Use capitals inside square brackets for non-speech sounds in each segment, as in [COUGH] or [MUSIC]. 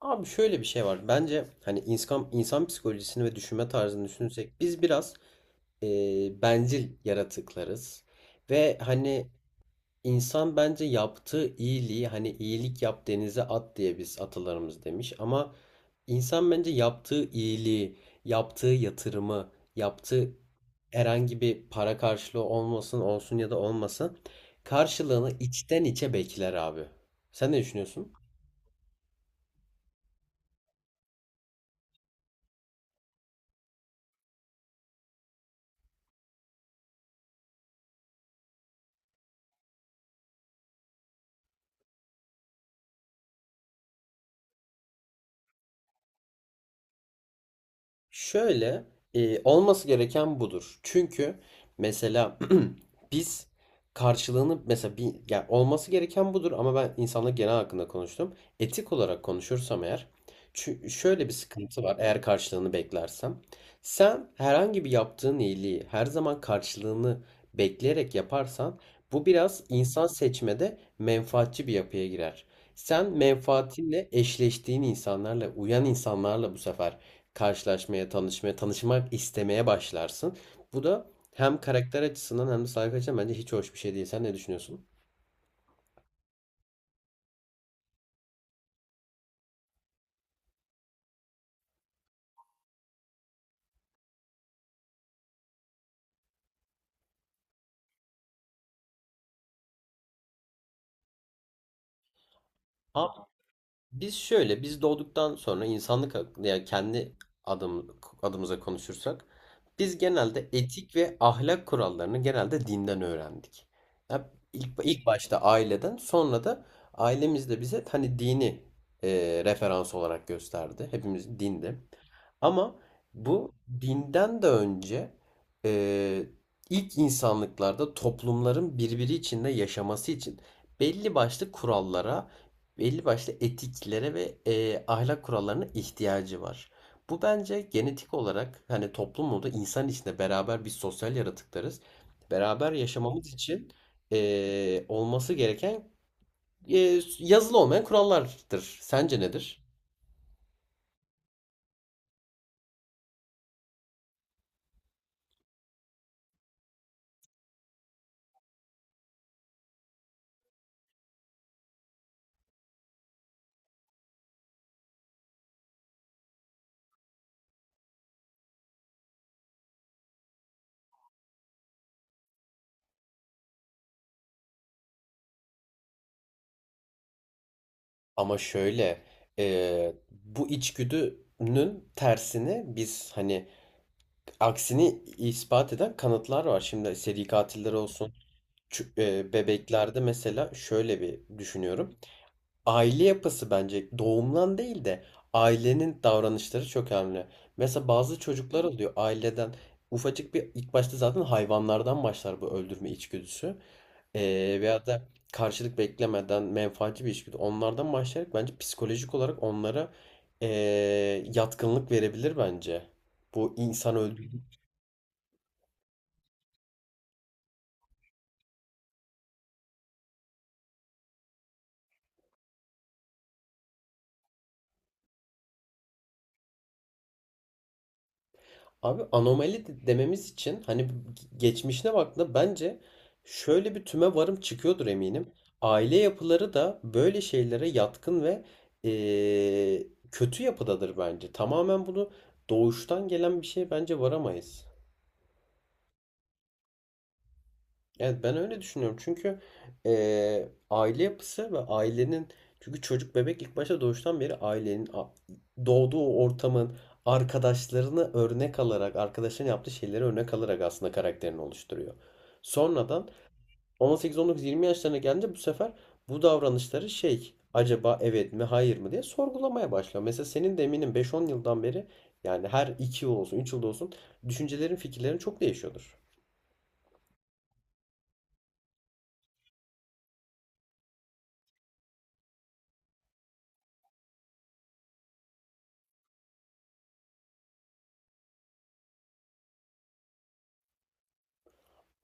Abi şöyle bir şey var. Bence hani insan psikolojisini ve düşünme tarzını düşünürsek biz biraz e, bencil yaratıklarız. Ve hani insan bence yaptığı iyiliği hani iyilik yap denize at diye biz atalarımız demiş. Ama insan bence yaptığı iyiliği, yaptığı yatırımı, yaptığı herhangi bir para karşılığı olsun ya da olmasın karşılığını içten içe bekler abi. Sen ne düşünüyorsun? Şöyle olması gereken budur. Çünkü mesela [CLEARS THROAT] biz karşılığını mesela bir yani olması gereken budur ama ben insanlık genel hakkında konuştum. Etik olarak konuşursam eğer şöyle bir sıkıntı var eğer karşılığını beklersem. Sen herhangi bir yaptığın iyiliği her zaman karşılığını bekleyerek yaparsan bu biraz insan seçmede menfaatçi bir yapıya girer. Sen menfaatinle eşleştiğin insanlarla, uyan insanlarla bu sefer karşılaşmaya, tanışmaya, tanışmak istemeye başlarsın. Bu da hem karakter açısından hem de sayfa açısından bence hiç hoş bir şey değil. Sen ne düşünüyorsun? Biz doğduktan sonra insanlık hakkında yani kendi adımıza konuşursak biz genelde etik ve ahlak kurallarını genelde dinden öğrendik. Ya ilk başta aileden sonra da ailemiz de bize hani dini referans olarak gösterdi. Hepimiz dinde. Ama bu dinden de önce e, ilk insanlıklarda toplumların birbiri içinde yaşaması için belli başlı kurallara belli başlı etiklere ve ahlak kurallarına ihtiyacı var. Bu bence genetik olarak hani toplumda insan içinde beraber biz sosyal yaratıklarız. Beraber yaşamamız için olması gereken yazılı olmayan kurallardır. Sence nedir? Ama şöyle bu içgüdünün tersini biz hani aksini ispat eden kanıtlar var. Şimdi seri katiller olsun. Çü- Bebeklerde mesela şöyle bir düşünüyorum. Aile yapısı bence doğumdan değil de ailenin davranışları çok önemli. Mesela bazı çocuklar oluyor aileden ufacık bir ilk başta zaten hayvanlardan başlar bu öldürme içgüdüsü. Veya da karşılık beklemeden menfaatçi bir içgüdü. Onlardan başlayarak bence psikolojik olarak onlara yatkınlık verebilir bence. Bu insan öldürme. Abi anomali dememiz için hani geçmişine baktığında bence şöyle bir tüme varım çıkıyordur eminim. Aile yapıları da böyle şeylere yatkın ve eee, kötü yapıdadır bence. Tamamen bunu doğuştan gelen bir şey bence varamayız. Evet ben öyle düşünüyorum. Çünkü aile yapısı ve ailenin çünkü çocuk bebek ilk başta doğuştan beri ailenin doğduğu ortamın arkadaşlarını örnek alarak arkadaşların yaptığı şeyleri örnek alarak aslında karakterini oluşturuyor. Sonradan 18-19-20 yaşlarına gelince bu sefer bu davranışları şey acaba evet mi hayır mı diye sorgulamaya başlıyor. Mesela senin de eminim 5-10 yıldan beri yani her 2 yıl olsun 3 yılda olsun düşüncelerin fikirlerin çok değişiyordur.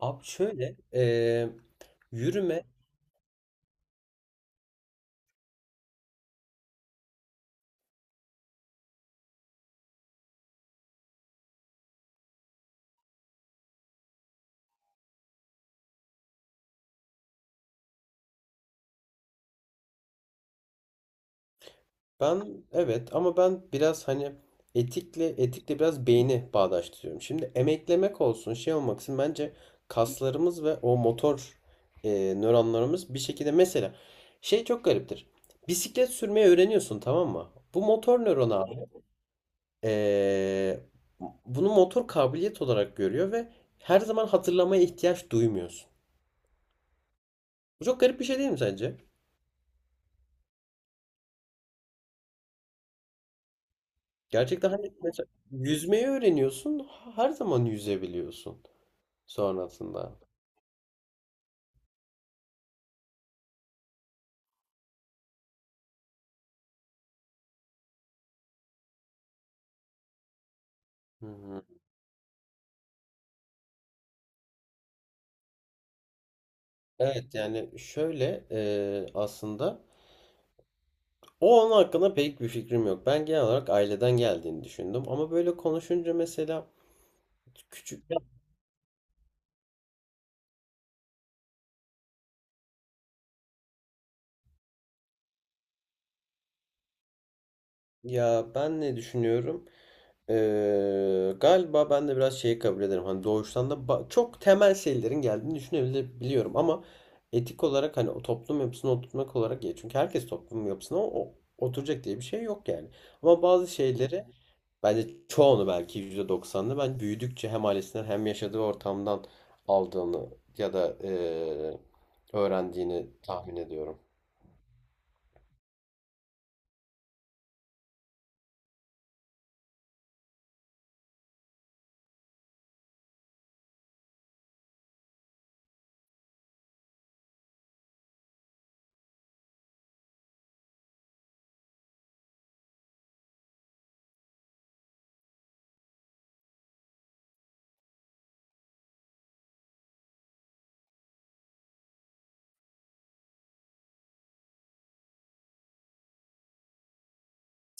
Abi şöyle yürüme ben evet ama ben biraz hani etikle biraz beyni bağdaştırıyorum. Şimdi emeklemek olsun şey olmaksın bence kaslarımız ve o motor nöronlarımız bir şekilde mesela şey çok gariptir. Bisiklet sürmeyi öğreniyorsun tamam mı? Bu motor nöron abi eee, bunu motor kabiliyet olarak görüyor ve her zaman hatırlamaya ihtiyaç duymuyorsun. Bu çok garip bir şey değil mi sence? Gerçekten hani mesela yüzmeyi öğreniyorsun, her zaman yüzebiliyorsun sonrasında. Hı hı. Evet yani şöyle aslında onun hakkında pek bir fikrim yok. Ben genel olarak aileden geldiğini düşündüm ama böyle konuşunca mesela küçük ya ben ne düşünüyorum? Galiba ben de biraz şeyi kabul ederim. Hani doğuştan da çok temel şeylerin geldiğini düşünebiliyorum ama etik olarak hani o toplum yapısına oturtmak olarak ya çünkü herkes toplum yapısına oturacak diye bir şey yok yani. Ama bazı şeyleri bence çoğunu belki %90'ını ben büyüdükçe hem ailesinden hem yaşadığı ortamdan aldığını ya da öğrendiğini tahmin ediyorum.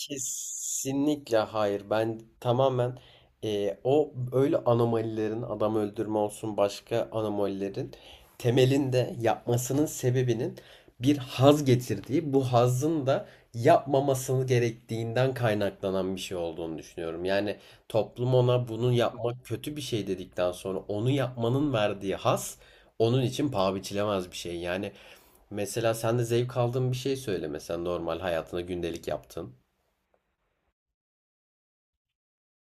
Kesinlikle hayır. Ben tamamen o öyle anomalilerin adam öldürme olsun başka anomalilerin temelinde yapmasının sebebinin bir haz getirdiği bu hazın da yapmamasını gerektiğinden kaynaklanan bir şey olduğunu düşünüyorum. Yani toplum ona bunu yapmak kötü bir şey dedikten sonra onu yapmanın verdiği haz onun için paha biçilemez bir şey. Yani mesela sen de zevk aldığın bir şey söyle mesela normal hayatında gündelik yaptığın.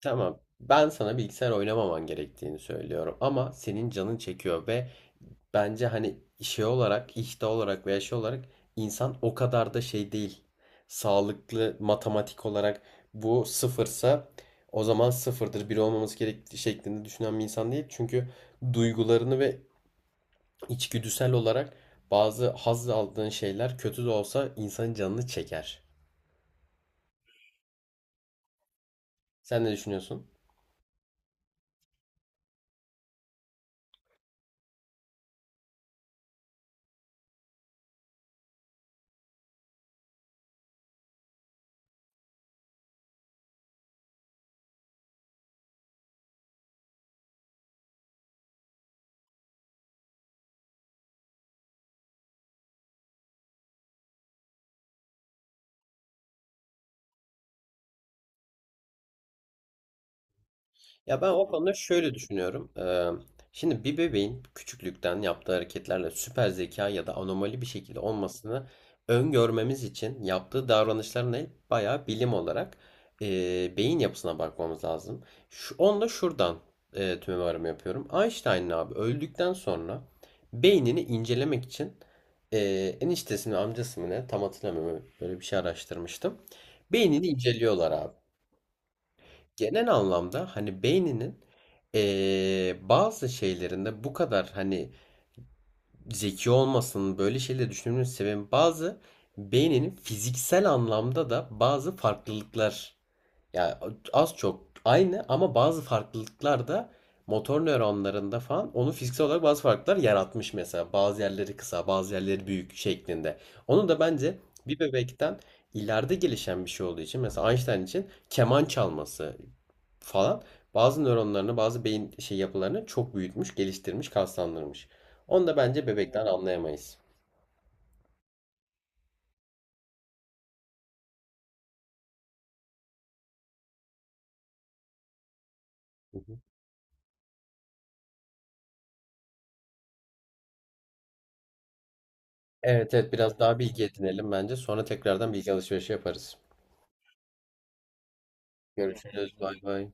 Tamam. Ben sana bilgisayar oynamaman gerektiğini söylüyorum ama senin canın çekiyor ve bence hani şey olarak, işte olarak veya şey olarak insan o kadar da şey değil. Sağlıklı matematik olarak bu sıfırsa o zaman sıfırdır, bir olmaması gerektiği şeklinde düşünen bir insan değil. Çünkü duygularını ve içgüdüsel olarak bazı haz aldığın şeyler kötü de olsa insanın canını çeker. Sen ne düşünüyorsun? Ya ben o konuda şöyle düşünüyorum. Şimdi bir bebeğin küçüklükten yaptığı hareketlerle süper zeka ya da anomali bir şekilde olmasını öngörmemiz için yaptığı davranışlarına bayağı bilim olarak beyin yapısına bakmamız lazım. Onunla şuradan tüme varımı yapıyorum. Einstein'ın abi öldükten sonra beynini incelemek için e, eniştesini amcası mı ne tam hatırlamıyorum böyle bir şey araştırmıştım. Beynini inceliyorlar abi genel anlamda hani beyninin bazı şeylerinde bu kadar hani zeki olmasının böyle şeyleri düşünmenin sebebi bazı beyninin fiziksel anlamda da bazı farklılıklar ya az çok aynı ama bazı farklılıklar da motor nöronlarında falan onu fiziksel olarak bazı farklılıklar yaratmış mesela. Bazı yerleri kısa, bazı yerleri büyük şeklinde. Onu da bence bir bebekten ileride gelişen bir şey olduğu için mesela Einstein için keman çalması falan bazı nöronlarını, bazı beyin şey yapılarını çok büyütmüş, geliştirmiş, kaslandırmış. Onu da bence bebekten anlayamayız. Hı hı. Evet, evet, biraz daha bilgi edinelim bence. Sonra tekrardan bilgi alışverişi yaparız. Görüşürüz. Bay bay.